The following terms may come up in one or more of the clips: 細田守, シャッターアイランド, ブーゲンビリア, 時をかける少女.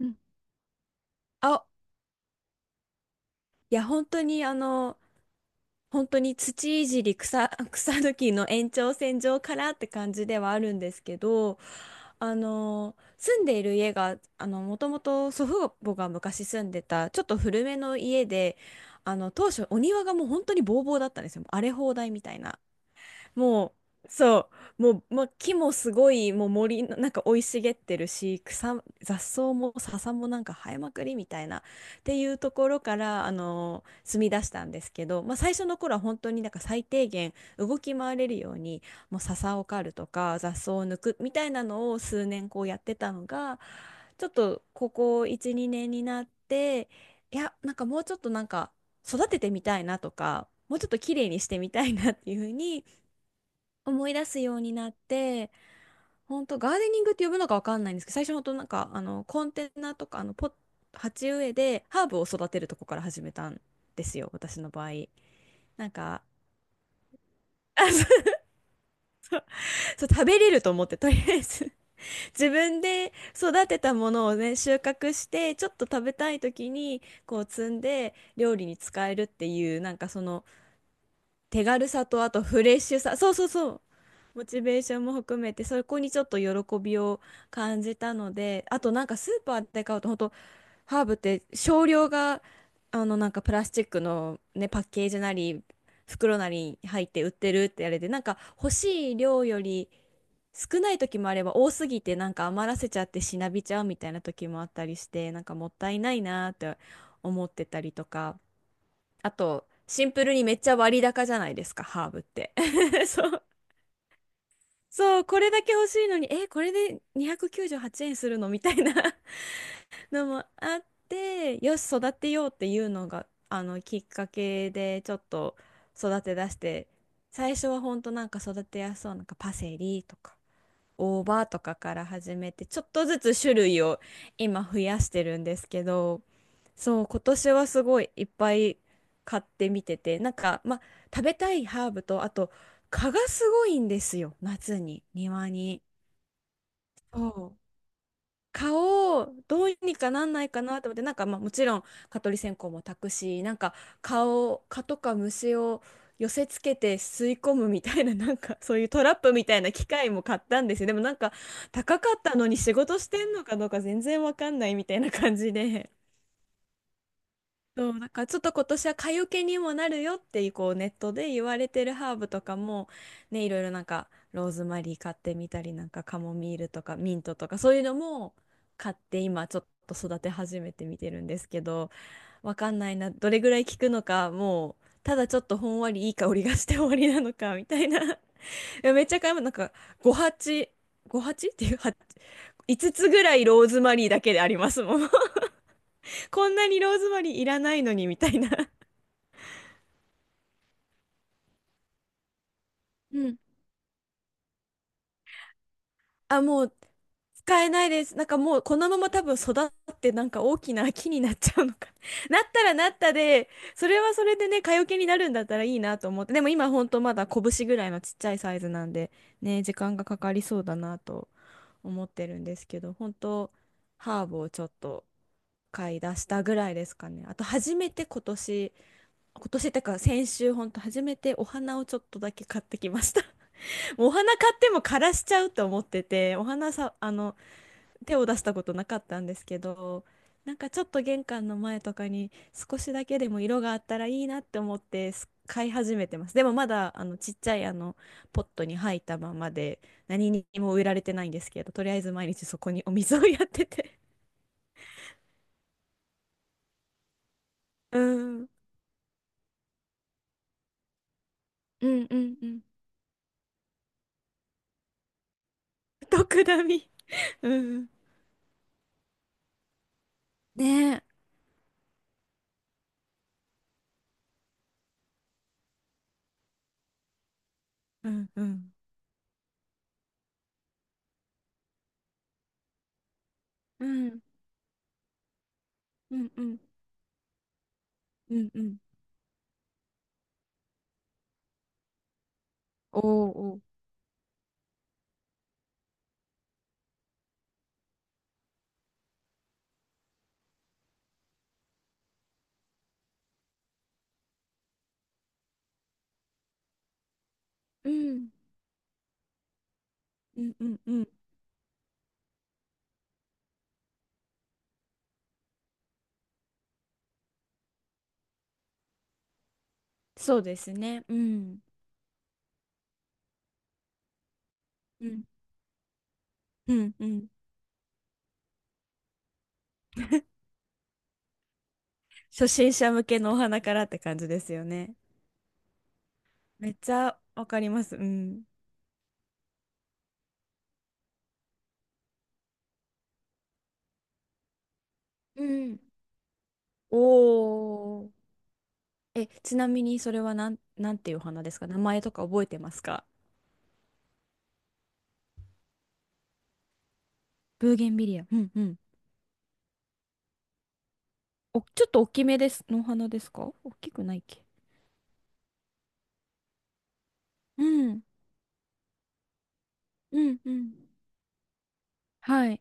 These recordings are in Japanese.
うん。あ、いや、本当に本当に土いじり草抜きの延長線上からって感じではあるんですけど、住んでいる家が、もともと祖父母が昔住んでた、ちょっと古めの家で、当初お庭がもう本当にボーボーだったんですよ。荒れ放題みたいな。もそう、もう、ま、木もすごい、もう森の、なんか生い茂ってるし、雑草も笹もなんか生えまくりみたいな、っていうところから、住み出したんですけど、まあ、最初の頃は本当になんか最低限動き回れるように、もう笹を刈るとか、雑草を抜くみたいなのを数年こうやってたのが、ちょっとここ1、2年になって、いや、なんかもうちょっとなんか育ててみたいなとか、もうちょっと綺麗にしてみたいなっていうふうに思い出すようになって、本当ガーデニングって呼ぶのかわかんないんですけど、最初本当なんかコンテナとかあのポッ鉢植えでハーブを育てるとこから始めたんですよ、私の場合。なんか、そう食べれると思って、とりあえず。 自分で育てたものをね、収穫して、ちょっと食べたい時にこう摘んで料理に使えるっていう、なんかその手軽さと、あとフレッシュさ、そうそうそう、モチベーションも含めてそこにちょっと喜びを感じたので。あと、なんかスーパーで買うと、本当ハーブって少量が、なんかプラスチックの、ね、パッケージなり袋なりに入って売ってるって、あれでなんか欲しい量より少ない時もあれば、多すぎてなんか余らせちゃってしなびちゃうみたいな時もあったりして、なんかもったいないなーって思ってたりとか。あと、シンプルにめっちゃ割高じゃないですか、ハーブって。そう。そう、これだけ欲しいのに、え、これで298円するのみたいな。 のもあって、よし、育てようっていうのが、きっかけで、ちょっと育て出して、最初はほんとなんか育てやすそうなんかパセリとか、大葉とかから始めて、ちょっとずつ種類を今増やしてるんですけど、そう、今年はすごいいっぱい買ってみてて、なんか、まあ、食べたいハーブと、あと、蚊がすごいんですよ、夏に、庭に。そう、蚊をどうにかなんないかなと思って、なんか、まあ、もちろん、蚊取り線香も焚くし、なんか、蚊とか虫を寄せつけて吸い込むみたいな、なんか、そういうトラップみたいな機械も買ったんですよ。でも、なんか、高かったのに仕事してんのかどうか全然わかんないみたいな感じで。そう、なんからちょっと今年は蚊よけにもなるよってこうネットで言われてるハーブとかも、ね、いろいろなんかローズマリー買ってみたり、なんかカモミールとかミントとかそういうのも買って、今ちょっと育て始めてみてるんですけど、わかんないな、どれぐらい効くのか、もうただちょっとほんわりいい香りがして終わりなのかみたいな。いやめっちゃ買います。なんか5鉢、5鉢っていう鉢、5つぐらいローズマリーだけでありますもん。こんなにローズマリーいらないのにみたいな。うん。あ、もう使えないです。なんかもうこのまま多分育ってなんか大きな木になっちゃうのか。 なったらなったで、それはそれでね、蚊よけになるんだったらいいなと思って。でも今ほんとまだ拳ぐらいのちっちゃいサイズなんで、ね、時間がかかりそうだなと思ってるんですけど、本当ハーブをちょっと買い出したぐらいですかね。あと初めて今年、今年ってか先週ほんと初めてお花をちょっとだけ買ってきました。お花買っても枯らしちゃうと思ってて、お花さ、あの、手を出したことなかったんですけど、なんかちょっと玄関の前とかに少しだけでも色があったらいいなって思って、買い始めてます。でもまだちっちゃいポットに入ったままで何にも植えられてないんですけど、とりあえず毎日そこにお水をやってて。うん、うんうんうん。特ダミ。うん。ねえ。うんうん。うんうんうんうんうん。おーおー。うんうんうんうん。そうですね。うん。うん。うん。うん。初心者向けのお花からって感じですよね。めっちゃわかります。うん。うん。おお、え、ちなみにそれはなん、なんていうお花ですか？名前とか覚えてますか？ブーゲンビリア。うんうん。お、ちょっと大きめです、のお花ですか？大きくないっけ？うん。うんうん。はい。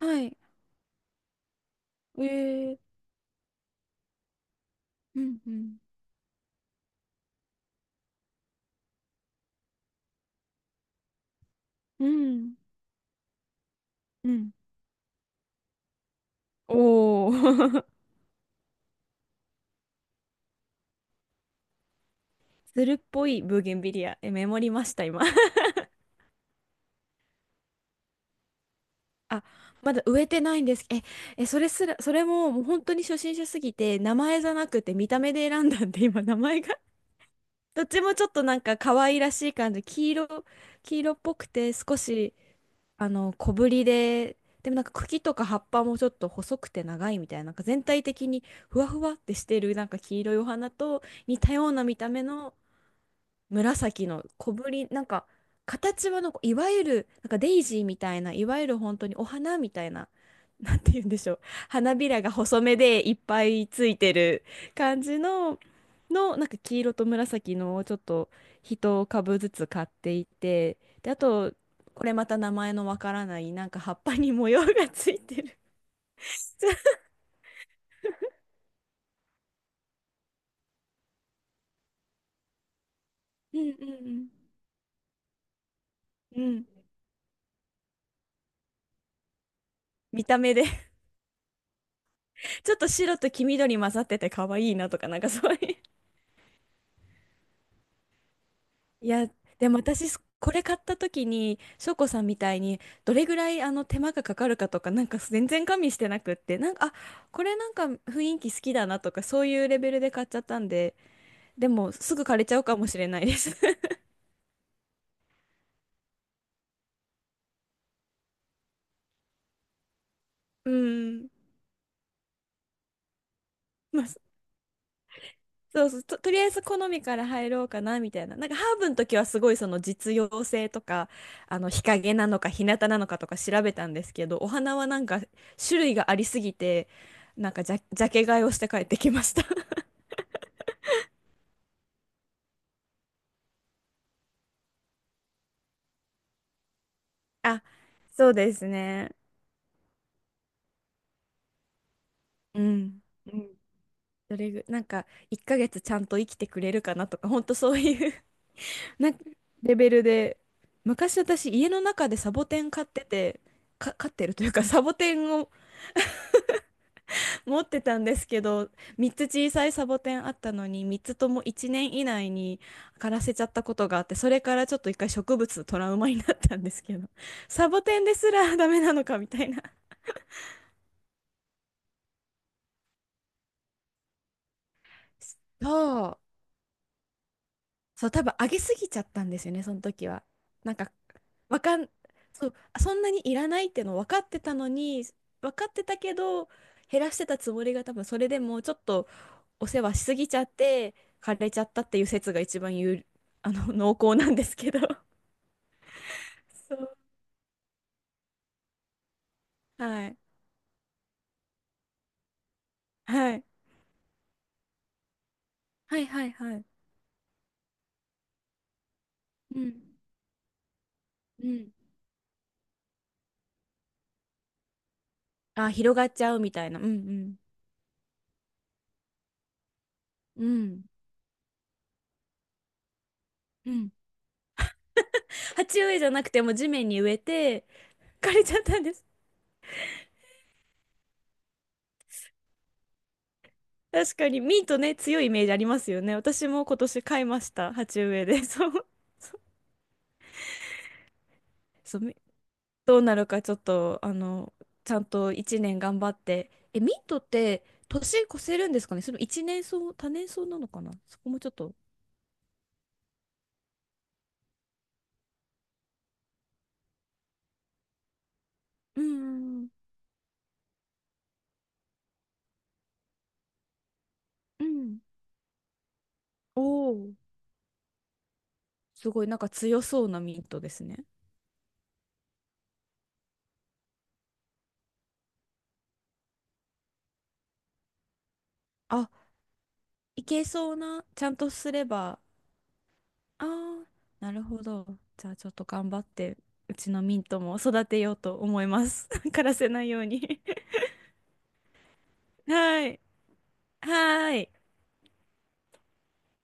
はい。えー。うんうん。うん。うん。おー。するっぽいブーゲンビリア。え、メモりました、今。あ、まだ植えてないんです。え、それすら、それももう本当に初心者すぎて、名前じゃなくて見た目で選んだんで、今名前が。 どっちもちょっとなんか可愛らしい感じ、黄色、黄色っぽくて少し、小ぶりで、でもなんか茎とか葉っぱもちょっと細くて長いみたいな、なんか全体的にふわふわってしてる、なんか黄色いお花と似たような見た目の紫の小ぶり、なんか形はの、いわゆるなんかデイジーみたいな、いわゆる本当にお花みたいな、なんて言うんでしょう。花びらが細めでいっぱいついてる感じの、の、なんか黄色と紫のをちょっと一株ずつ買っていて、で、あと、これまた名前のわからない、なんか葉っぱに模様がついてる。うんうんうん。うん。見た目で。 ちょっと白と黄緑混ざってて可愛いなとか、なんかそういう。いや、でも私、これ買った時に、翔子さんみたいに、どれぐらい手間がかかるかとか、なんか全然加味してなくって、なんか、あ、これなんか雰囲気好きだなとか、そういうレベルで買っちゃったんで、でも、すぐ枯れちゃうかもしれないです。うん。まあ、そうそう、とりあえず好みから入ろうかな、みたいな。なんか、ハーブの時はすごいその実用性とか、日陰なのか、日向なのかとか調べたんですけど、お花はなんか、種類がありすぎて、なんかジャケ買いをして帰ってきました。あ、そうですね。うん。どれぐ、なんか、1ヶ月ちゃんと生きてくれるかなとか、ほんとそういう。 なんかレベルで、昔私、家の中でサボテン飼ってて、飼ってるというか、サボテンを。 持ってたんですけど、3つ小さいサボテンあったのに、3つとも1年以内に枯らせちゃったことがあって、それからちょっと一回植物トラウマになったんですけど、サボテンですらダメなのかみたいな。そう。そう、多分上げすぎちゃったんですよね、その時は。なんか、わかん、そう、そんなにいらないっての分かってたのに、分かってたけど、減らしてたつもりが多分それでもちょっとお世話しすぎちゃって、枯れちゃったっていう説が一番濃厚なんですけど。そう。はい。はい。はいはいはい。うん。うん。あ、広がっちゃうみたいな。うんうん。うん。うん。鉢植えじゃなくても地面に植えて、枯れちゃったんです。確かにミートね、強いイメージありますよね。私も今年買いました、鉢植えで。そう、そう、どうなるかちょっと、ちゃんと1年頑張って。え、ミートって年越せるんですかね、その一年草、多年草なのかな、そこもちょっと。うんうんうん。うん。おお、すごい、なんか強そうなミートですね。あ、いけそうな、ちゃんとすれば。ああ、なるほど。じゃあちょっと頑張って、うちのミントも育てようと思います。枯らせないように。はい。はい。